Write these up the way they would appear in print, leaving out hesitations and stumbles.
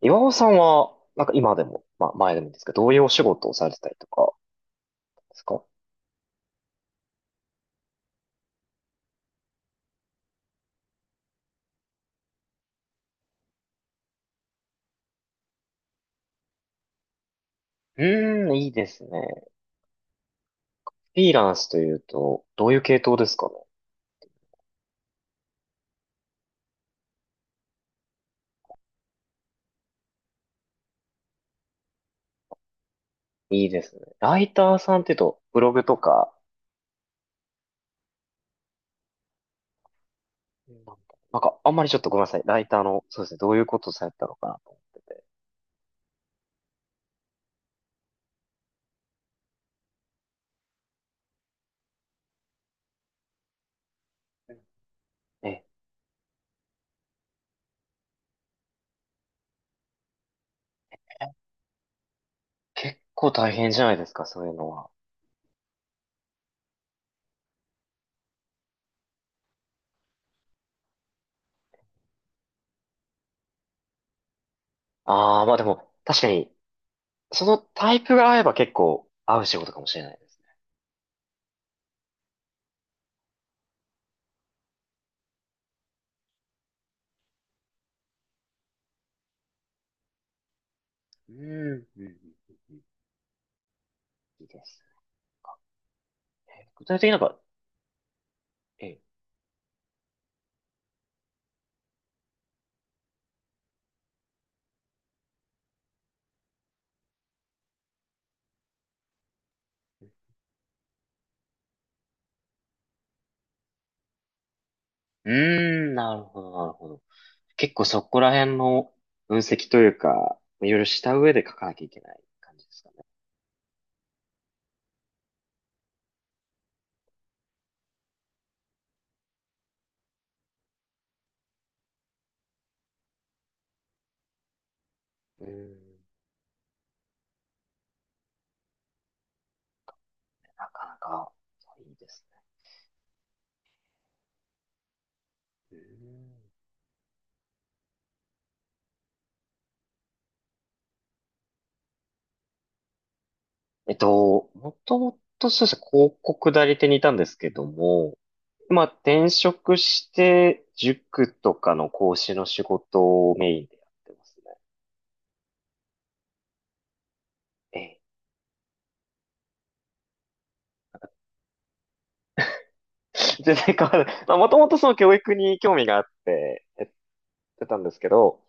岩尾さんは、今でも、まあ前でもですけど、どういうお仕事をされてたりとかですか？うーん、いいですね。フリーランスというと、どういう系統ですかね？いいですね。ライターさんっていうと、ブログとか、なんだなんかあんまり、ちょっとごめんなさい。ライターの、そうですね、どういうことをされてたのかなと。え、結構大変じゃないですか、そういうのは。ああ、まあでも、確かに、そのタイプが合えば結構合う仕事かもしれないですね。うん、うん、うんうん、うん。いいですね。具体的にえ、うーん、なるほど、なるほど。結構そこら辺の分析というか、いろいろした上で書かなきゃいけない感じですかね。うーん、なかなかいいですね。うーん、えっと、もともとそうですね、広告代理店にいたんですけども、まあ転職して、塾とかの講師の仕事をメインでやってますね。ええ。全然変わらない。まあもともとその教育に興味があって、やってたんですけど、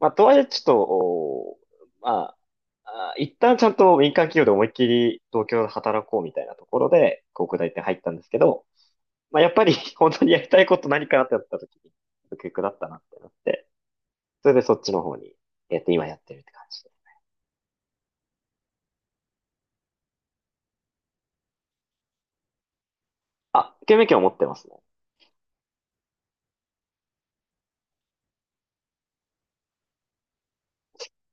まあ、とはいえ、ちょっと、ま一旦ちゃんと民間企業で思いっきり東京で働こうみたいなところで、広告代理店入ったんですけど、まあ、やっぱり 本当にやりたいこと何かなってやった時に、結局だったなってなって、それでそっちの方にやって、今やってるって感じで。教員免を持ってますね。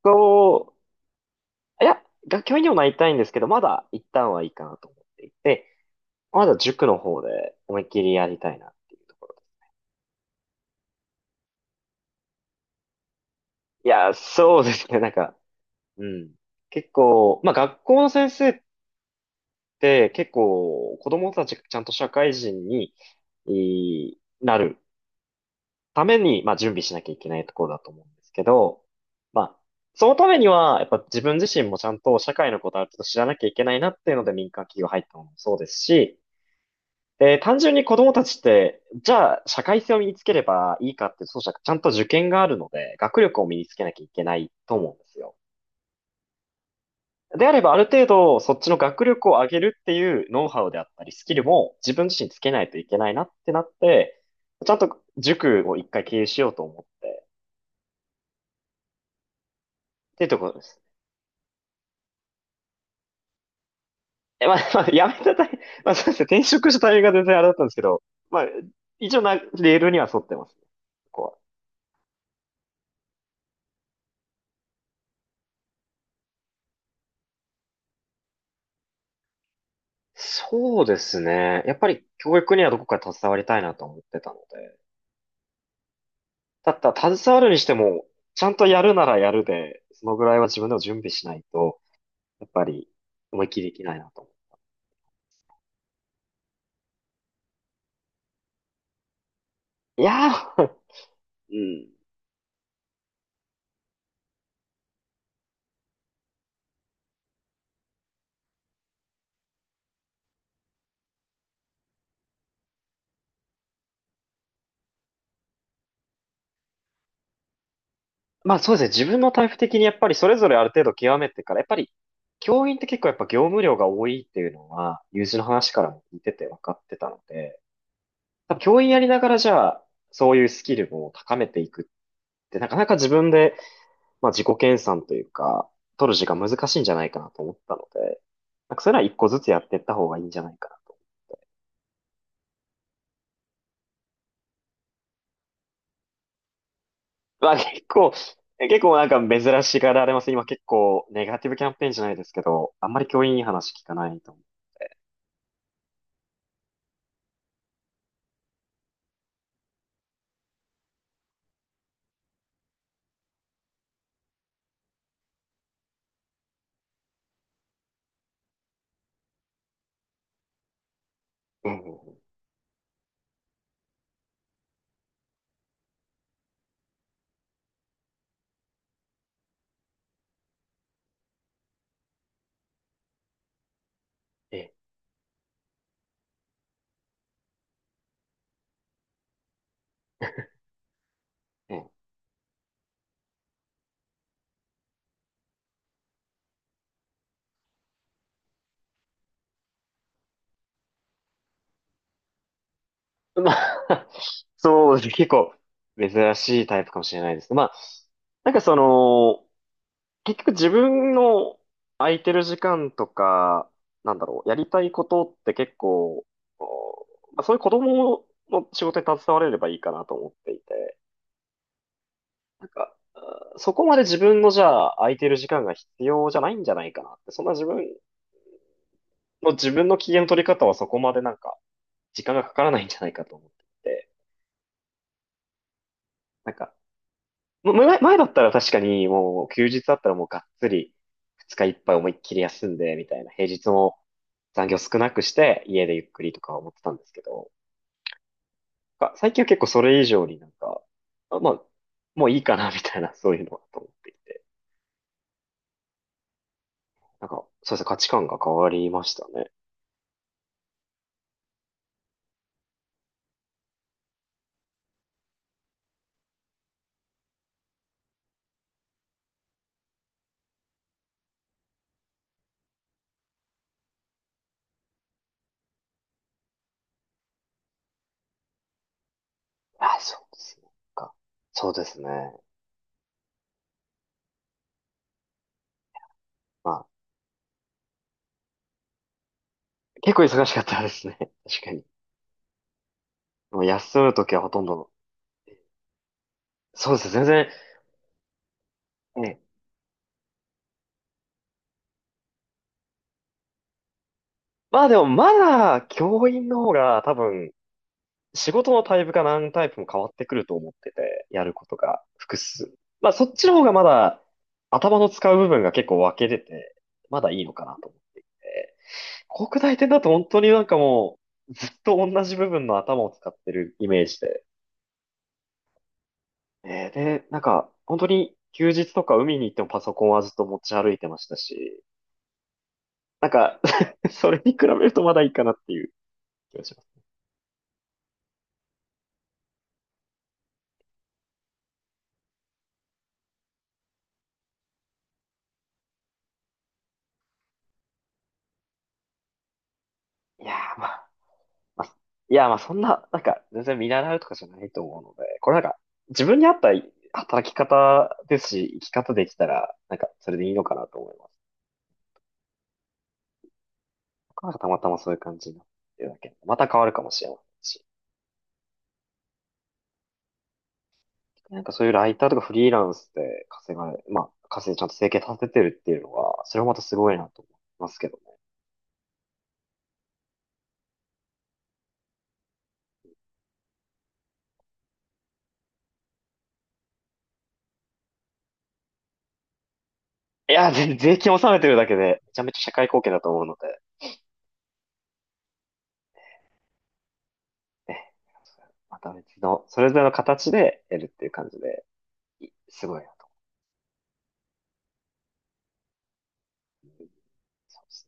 そう、いや、学教員にもなりたいんですけど、まだ一旦はいいかなと思っていて、まだ塾の方で思いっきりやりたいなっていうところです。いや、そうですね、なんか、うん。結構、まあ学校の先生って結構子供たちがちゃんと社会人にいなるために、まあ準備しなきゃいけないところだと思うんですけど、まあそのためにはやっぱ自分自身もちゃんと社会のことある程度知らなきゃいけないなっていうので民間企業入ったのもそうですし、で、単純に子供たちって、じゃあ社会性を身につければいいかって、そうじゃなく、ちゃんと受験があるので、学力を身につけなきゃいけないと思うんですよ。であれば、ある程度、そっちの学力を上げるっていうノウハウであったり、スキルも自分自身つけないといけないなってなって、ちゃんと塾を一回経営しようと思って、っていうところです。まあ、まあ、やめたタイミング、まあ、そうですね、転職したタイミングが全然あれだったんですけど、まあ、一応な、レールには沿ってますね、ここは。そうですね。やっぱり教育にはどこか携わりたいなと思ってたので。だったら携わるにしても、ちゃんとやるならやるで、そのぐらいは自分でも準備しないと、やっぱり、思い切りできないなと思う。いやー、うん。まあそうですね。自分のタイプ的にやっぱりそれぞれある程度極めてから、やっぱり教員って結構やっぱ業務量が多いっていうのは、友人の話からも聞いてて分かってたので、多分教員やりながらじゃあ、そういうスキルを高めていくって、なかなか自分で、まあ自己研鑽というか、取る時間難しいんじゃないかなと思ったので、なんかそれは一個ずつやっていった方がいいんじゃないかな。まあ結構、なんか珍しがられます。今結構ネガティブキャンペーンじゃないですけど、あんまり教員いい話聞かないと思う。うんうんうん、ええ、ええ。まあ、そうですね。結構珍しいタイプかもしれないです。まあ、なんかその、結局自分の空いてる時間とか、なんだろう、やりたいことって結構、こう、まあ、そういう子供の仕事に携われればいいかなと思っていて。なんか、うん、そこまで自分のじゃあ空いてる時間が必要じゃないんじゃないかなって、そんな自分の機嫌の取り方はそこまでなんか時間がかからないんじゃないかと思ってて、なんか、前だったら確かにもう休日だったらもうがっつり二日いっぱい思いっきり休んでみたいな、平日も残業少なくして家でゆっくりとか思ってたんですけど、なんか最近は結構それ以上にまあ、もういいかなみたいな、そういうのはと思っていて、なんか、そうですね、価値観が変わりましたね。あ、そうですね。か。そうですね。まあ、結構忙しかったですね。確かに。もう休むときはほとんどの。そうですね。全然。ね。まあでも、まだ、教員の方が多分、仕事のタイプか何タイプも変わってくると思ってて、やることが複数。まあ、そっちの方がまだ、頭の使う部分が結構分けれて、まだいいのかなと思っていて。国大点だと本当になんかもう、ずっと同じ部分の頭を使ってるイメージで、えーで、なんか、本当に休日とか海に行ってもパソコンはずっと持ち歩いてましたし、なんか それに比べるとまだいいかなっていう気がします。いやーまあ、まあ、いやーまあそんな、なんか全然見習うとかじゃないと思うので、これなんか自分に合った働き方ですし、生き方できたら、なんかそれでいいのかなと思います。なんかたまたまそういう感じになってるだけで。また変わるかもしれませんし。なんかそういうライターとかフリーランスで稼がれ、まあ、稼いでちゃんと生計立ててるっていうのは、それもまたすごいなと思いますけども。いや、全税金納めてるだけで、めちゃめちゃ社会貢献だと思うので、ね、また別の、それぞれの形でやるっていう感じで、いすごいなと思います。